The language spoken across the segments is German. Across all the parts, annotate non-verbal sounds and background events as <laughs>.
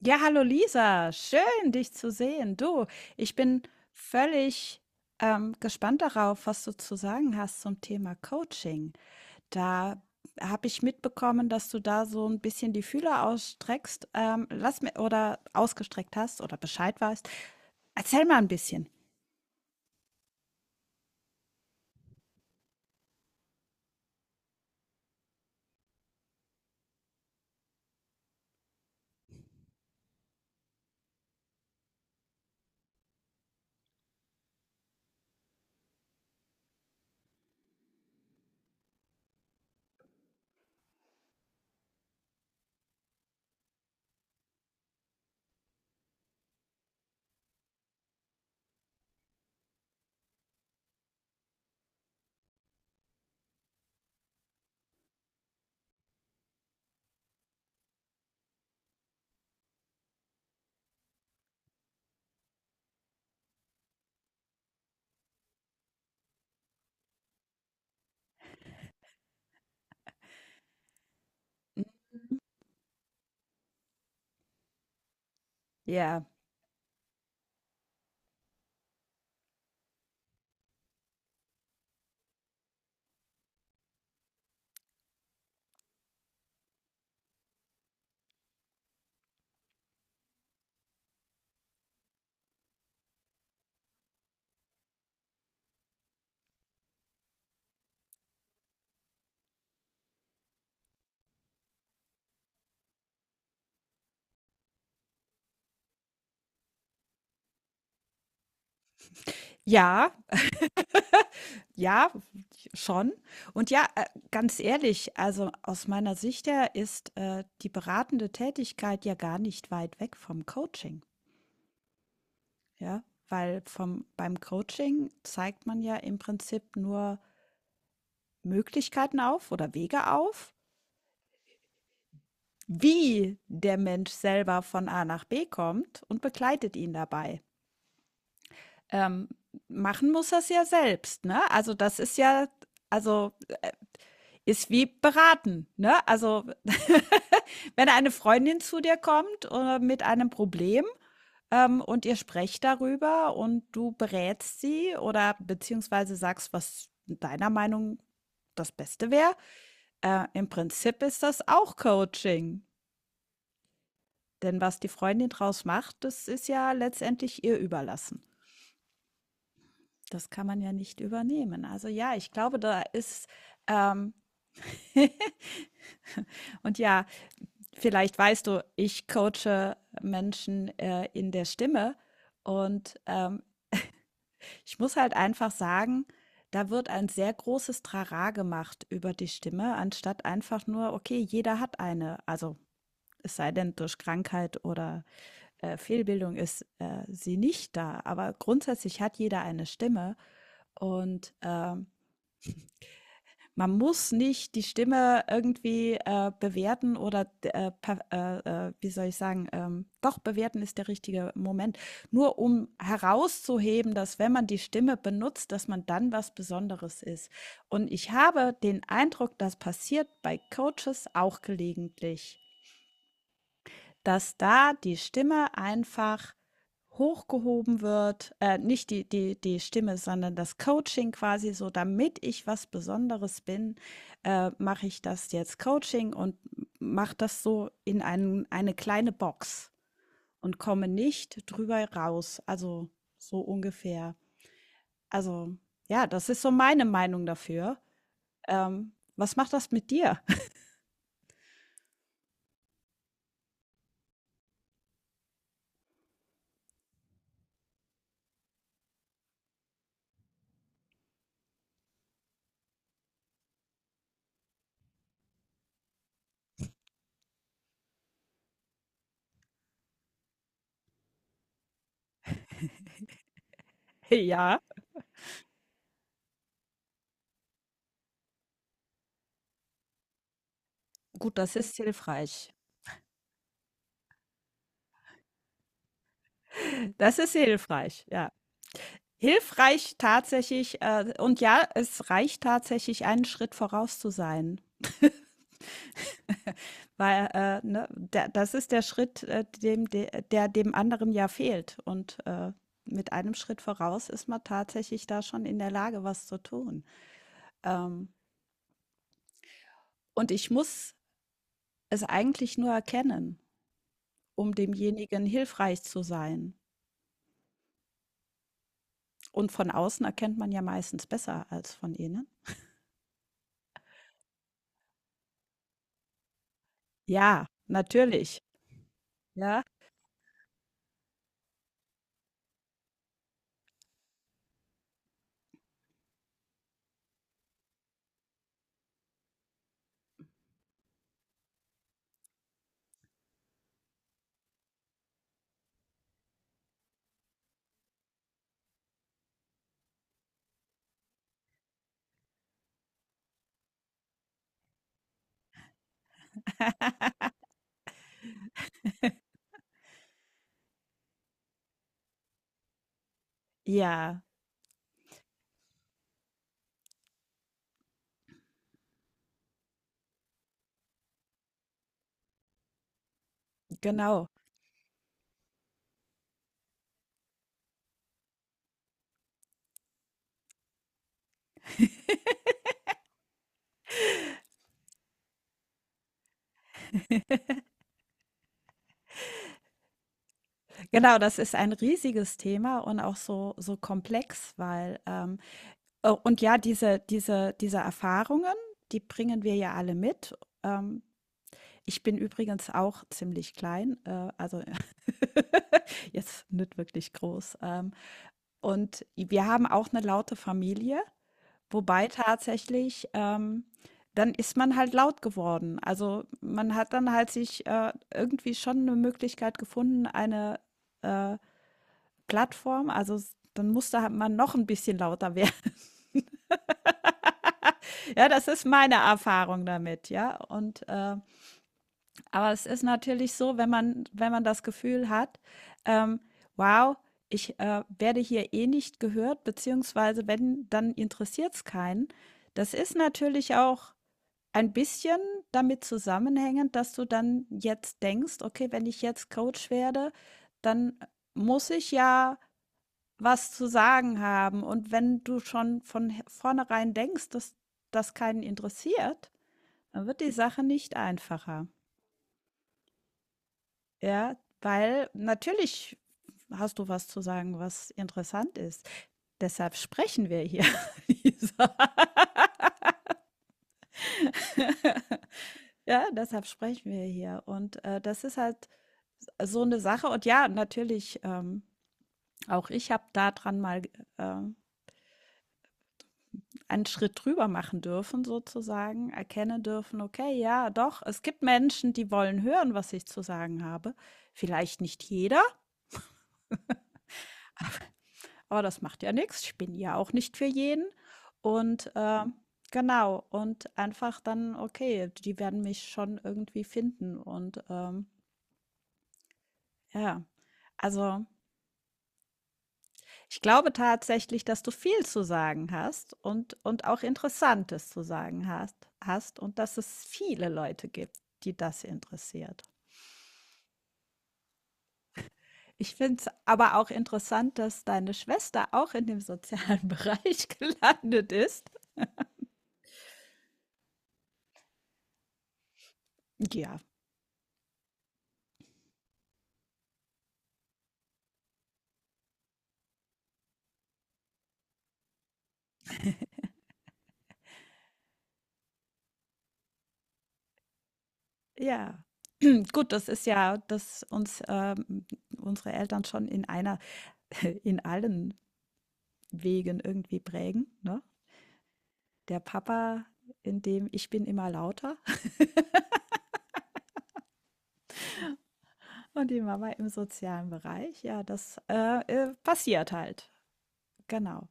Ja, hallo Lisa, schön dich zu sehen. Du, ich bin völlig gespannt darauf, was du zu sagen hast zum Thema Coaching. Da habe ich mitbekommen, dass du da so ein bisschen die Fühler ausstreckst, lass mir oder ausgestreckt hast oder Bescheid weißt. Erzähl mal ein bisschen. Ja, ja, ja, schon. Und ja, ganz ehrlich, also aus meiner Sicht her ist die beratende Tätigkeit ja gar nicht weit weg vom Coaching. Ja, weil vom beim Coaching zeigt man ja im Prinzip nur Möglichkeiten auf oder Wege auf, wie der Mensch selber von A nach B kommt und begleitet ihn dabei. Ähm, Machen muss er es ja selbst, ne? Also das ist ja, also ist wie beraten, ne? Also <laughs> wenn eine Freundin zu dir kommt oder mit einem Problem. Und ihr sprecht darüber und du berätst sie oder beziehungsweise sagst, was deiner Meinung das Beste wäre. Im Prinzip ist das auch Coaching, denn was die Freundin draus macht, das ist ja letztendlich ihr überlassen. Das kann man ja nicht übernehmen. Also ja, ich glaube, da ist ähm, <laughs> und ja, vielleicht weißt du, ich coache Menschen in der Stimme Und ich muss halt einfach sagen, da wird ein sehr großes Trara gemacht über die Stimme, anstatt einfach nur, okay, jeder hat eine. Also es sei denn, durch Krankheit oder Fehlbildung ist sie nicht da. Aber grundsätzlich hat jeder eine Stimme. Und man muss nicht die Stimme irgendwie, bewerten oder pa wie soll ich sagen, doch, bewerten ist der richtige Moment. Nur um herauszuheben, dass wenn man die Stimme benutzt, dass man dann was Besonderes ist. Und ich habe den Eindruck, das passiert bei Coaches auch gelegentlich. Dass da die Stimme einfach hochgehoben wird, nicht die Stimme, sondern das Coaching quasi so, damit ich was Besonderes bin, mache ich das jetzt Coaching und mache das so in eine kleine Box und komme nicht drüber raus, also so ungefähr. Also, ja, das ist so meine Meinung dafür. Was macht das mit dir? <laughs> Ja, gut, das ist hilfreich. Das ist hilfreich, ja. Hilfreich tatsächlich, und ja, es reicht tatsächlich, einen Schritt voraus zu sein. <laughs> Weil, ne, das ist der Schritt, dem, de- der dem anderen ja fehlt. Und mit einem Schritt voraus ist man tatsächlich da schon in der Lage, was zu tun. Ähm, und ich muss es eigentlich nur erkennen, um demjenigen hilfreich zu sein. Und von außen erkennt man ja meistens besser als von innen. Ja, natürlich. Ja, ja, genau. <laughs> <laughs> Genau, das ist ein riesiges Thema und auch so so komplex, weil, und ja, diese Erfahrungen, die bringen wir ja alle mit. Ähm, Ich bin übrigens auch ziemlich klein, also <laughs> jetzt nicht wirklich groß. Und wir haben auch eine laute Familie, wobei tatsächlich, dann ist man halt laut geworden. Also, man hat dann halt sich, irgendwie schon eine Möglichkeit gefunden, eine, äh Plattform, also s dann muss da halt man noch ein bisschen lauter werden. <laughs> Ja, das ist meine Erfahrung damit, ja. Und, aber es ist natürlich so, wenn man das Gefühl hat, ähm: „Wow, ich werde hier eh nicht gehört, beziehungsweise wenn, dann interessiert es keinen.“ Das ist natürlich auch ein bisschen damit zusammenhängend, dass du dann jetzt denkst: „Okay, wenn ich jetzt Coach werde, dann muss ich ja was zu sagen haben. Und wenn du schon von vornherein denkst, dass das keinen interessiert, dann wird die Sache nicht einfacher.“ Ja, weil natürlich hast du was zu sagen, was interessant ist. Deshalb sprechen wir hier, <laughs> Lisa. <laughs> Ja, deshalb sprechen wir hier. Und das ist halt so eine Sache. Und ja, natürlich, auch ich habe daran mal äh, einen Schritt drüber machen dürfen sozusagen, erkennen dürfen, okay, ja, doch, es gibt Menschen, die wollen hören, was ich zu sagen habe. Vielleicht nicht jeder, aber das macht ja nichts. Ich bin ja auch nicht für jeden. Und genau, und einfach dann, okay, die werden mich schon irgendwie finden. Und ja, also ich glaube tatsächlich, dass du viel zu sagen hast und auch Interessantes zu sagen hast und dass es viele Leute gibt, die das interessiert. Ich finde es aber auch interessant, dass deine Schwester auch in dem sozialen <laughs> Bereich gelandet ist. Ja. Ja. Gut, das ist ja, dass uns unsere Eltern schon in einer <laughs> in allen Wegen irgendwie prägen, ne? Der Papa in dem ich bin immer lauter <laughs> und die Mama im sozialen Bereich. Ja, das passiert halt. Genau.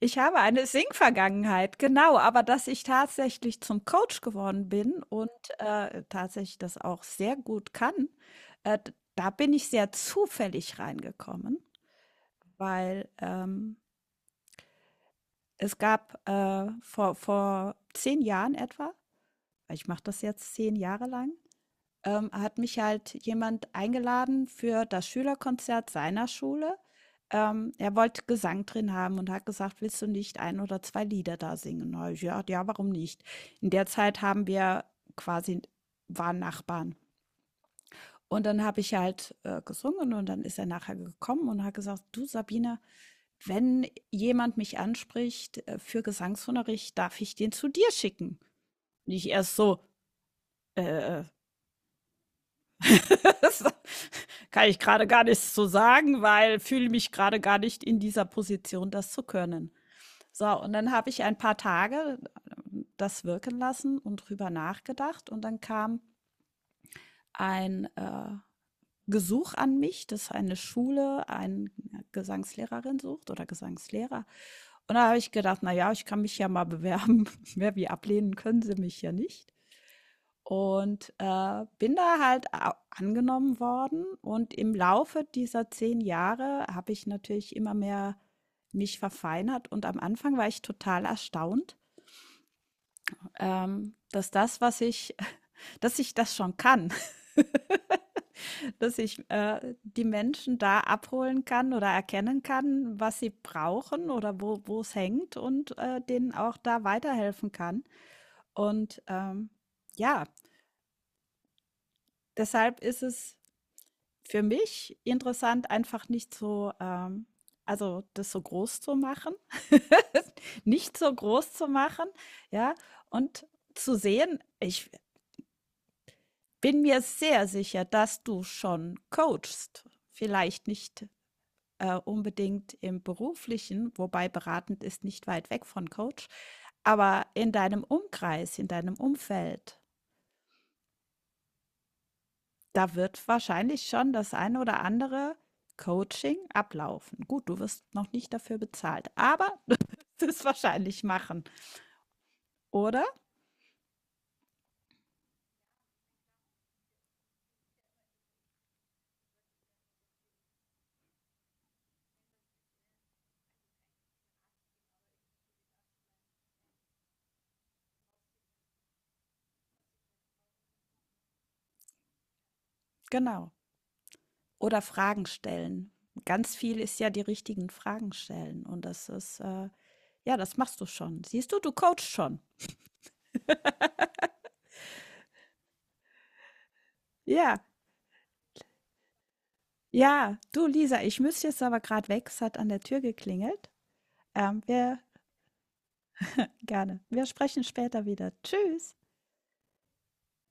Ich habe eine Sing-Vergangenheit, genau, aber dass ich tatsächlich zum Coach geworden bin und, tatsächlich das auch sehr gut kann, d da bin ich sehr zufällig reingekommen, weil, es gab, vor 10 Jahren etwa, ich mache das jetzt 10 Jahre lang, hat mich halt jemand eingeladen für das Schülerkonzert seiner Schule. Er wollte Gesang drin haben und hat gesagt, willst du nicht ein oder zwei Lieder da singen? Na, ich, ja, ja, warum nicht? In der Zeit haben wir quasi, waren Nachbarn. Und dann habe ich halt gesungen und dann ist er nachher gekommen und hat gesagt, du Sabine, wenn jemand mich anspricht für Gesangsunterricht, darf ich den zu dir schicken? Und ich erst so, äh, äh, <laughs> Das kann ich gerade gar nicht so sagen, weil fühle mich gerade gar nicht in dieser Position, das zu können. So, und dann habe ich ein paar Tage das wirken lassen und drüber nachgedacht. Und dann kam ein Gesuch an mich, dass eine Schule eine Gesangslehrerin sucht oder Gesangslehrer. Und da habe ich gedacht, na ja, ich kann mich ja mal bewerben. <laughs> Wer wie ablehnen können sie mich ja nicht. Und, bin da halt a angenommen worden und im Laufe dieser 10 Jahre habe ich natürlich immer mehr mich verfeinert, und am Anfang war ich total erstaunt, dass das, was ich, <laughs> dass ich das schon kann. <laughs> Dass ich, die Menschen da abholen kann oder erkennen kann, was sie brauchen oder wo es hängt und, denen auch da weiterhelfen kann. Und, ja, deshalb ist es für mich interessant, einfach nicht so, also das so groß zu machen, <laughs> nicht so groß zu machen, ja, und zu sehen, ich bin mir sehr sicher, dass du schon coachst. Vielleicht nicht, unbedingt im Beruflichen, wobei beratend ist nicht weit weg von Coach, aber in deinem Umkreis, in deinem Umfeld. Da wird wahrscheinlich schon das ein oder andere Coaching ablaufen. Gut, du wirst noch nicht dafür bezahlt, aber <laughs> du wirst es wahrscheinlich machen, oder? Genau. Oder Fragen stellen. Ganz viel ist ja die richtigen Fragen stellen. Und das ist, ja, das machst du schon. Siehst du, du coachst schon. Ja, ja, du Lisa, ich muss jetzt aber gerade weg. Es hat an der Tür geklingelt. Wir gerne. Wir sprechen später wieder. Tschüss.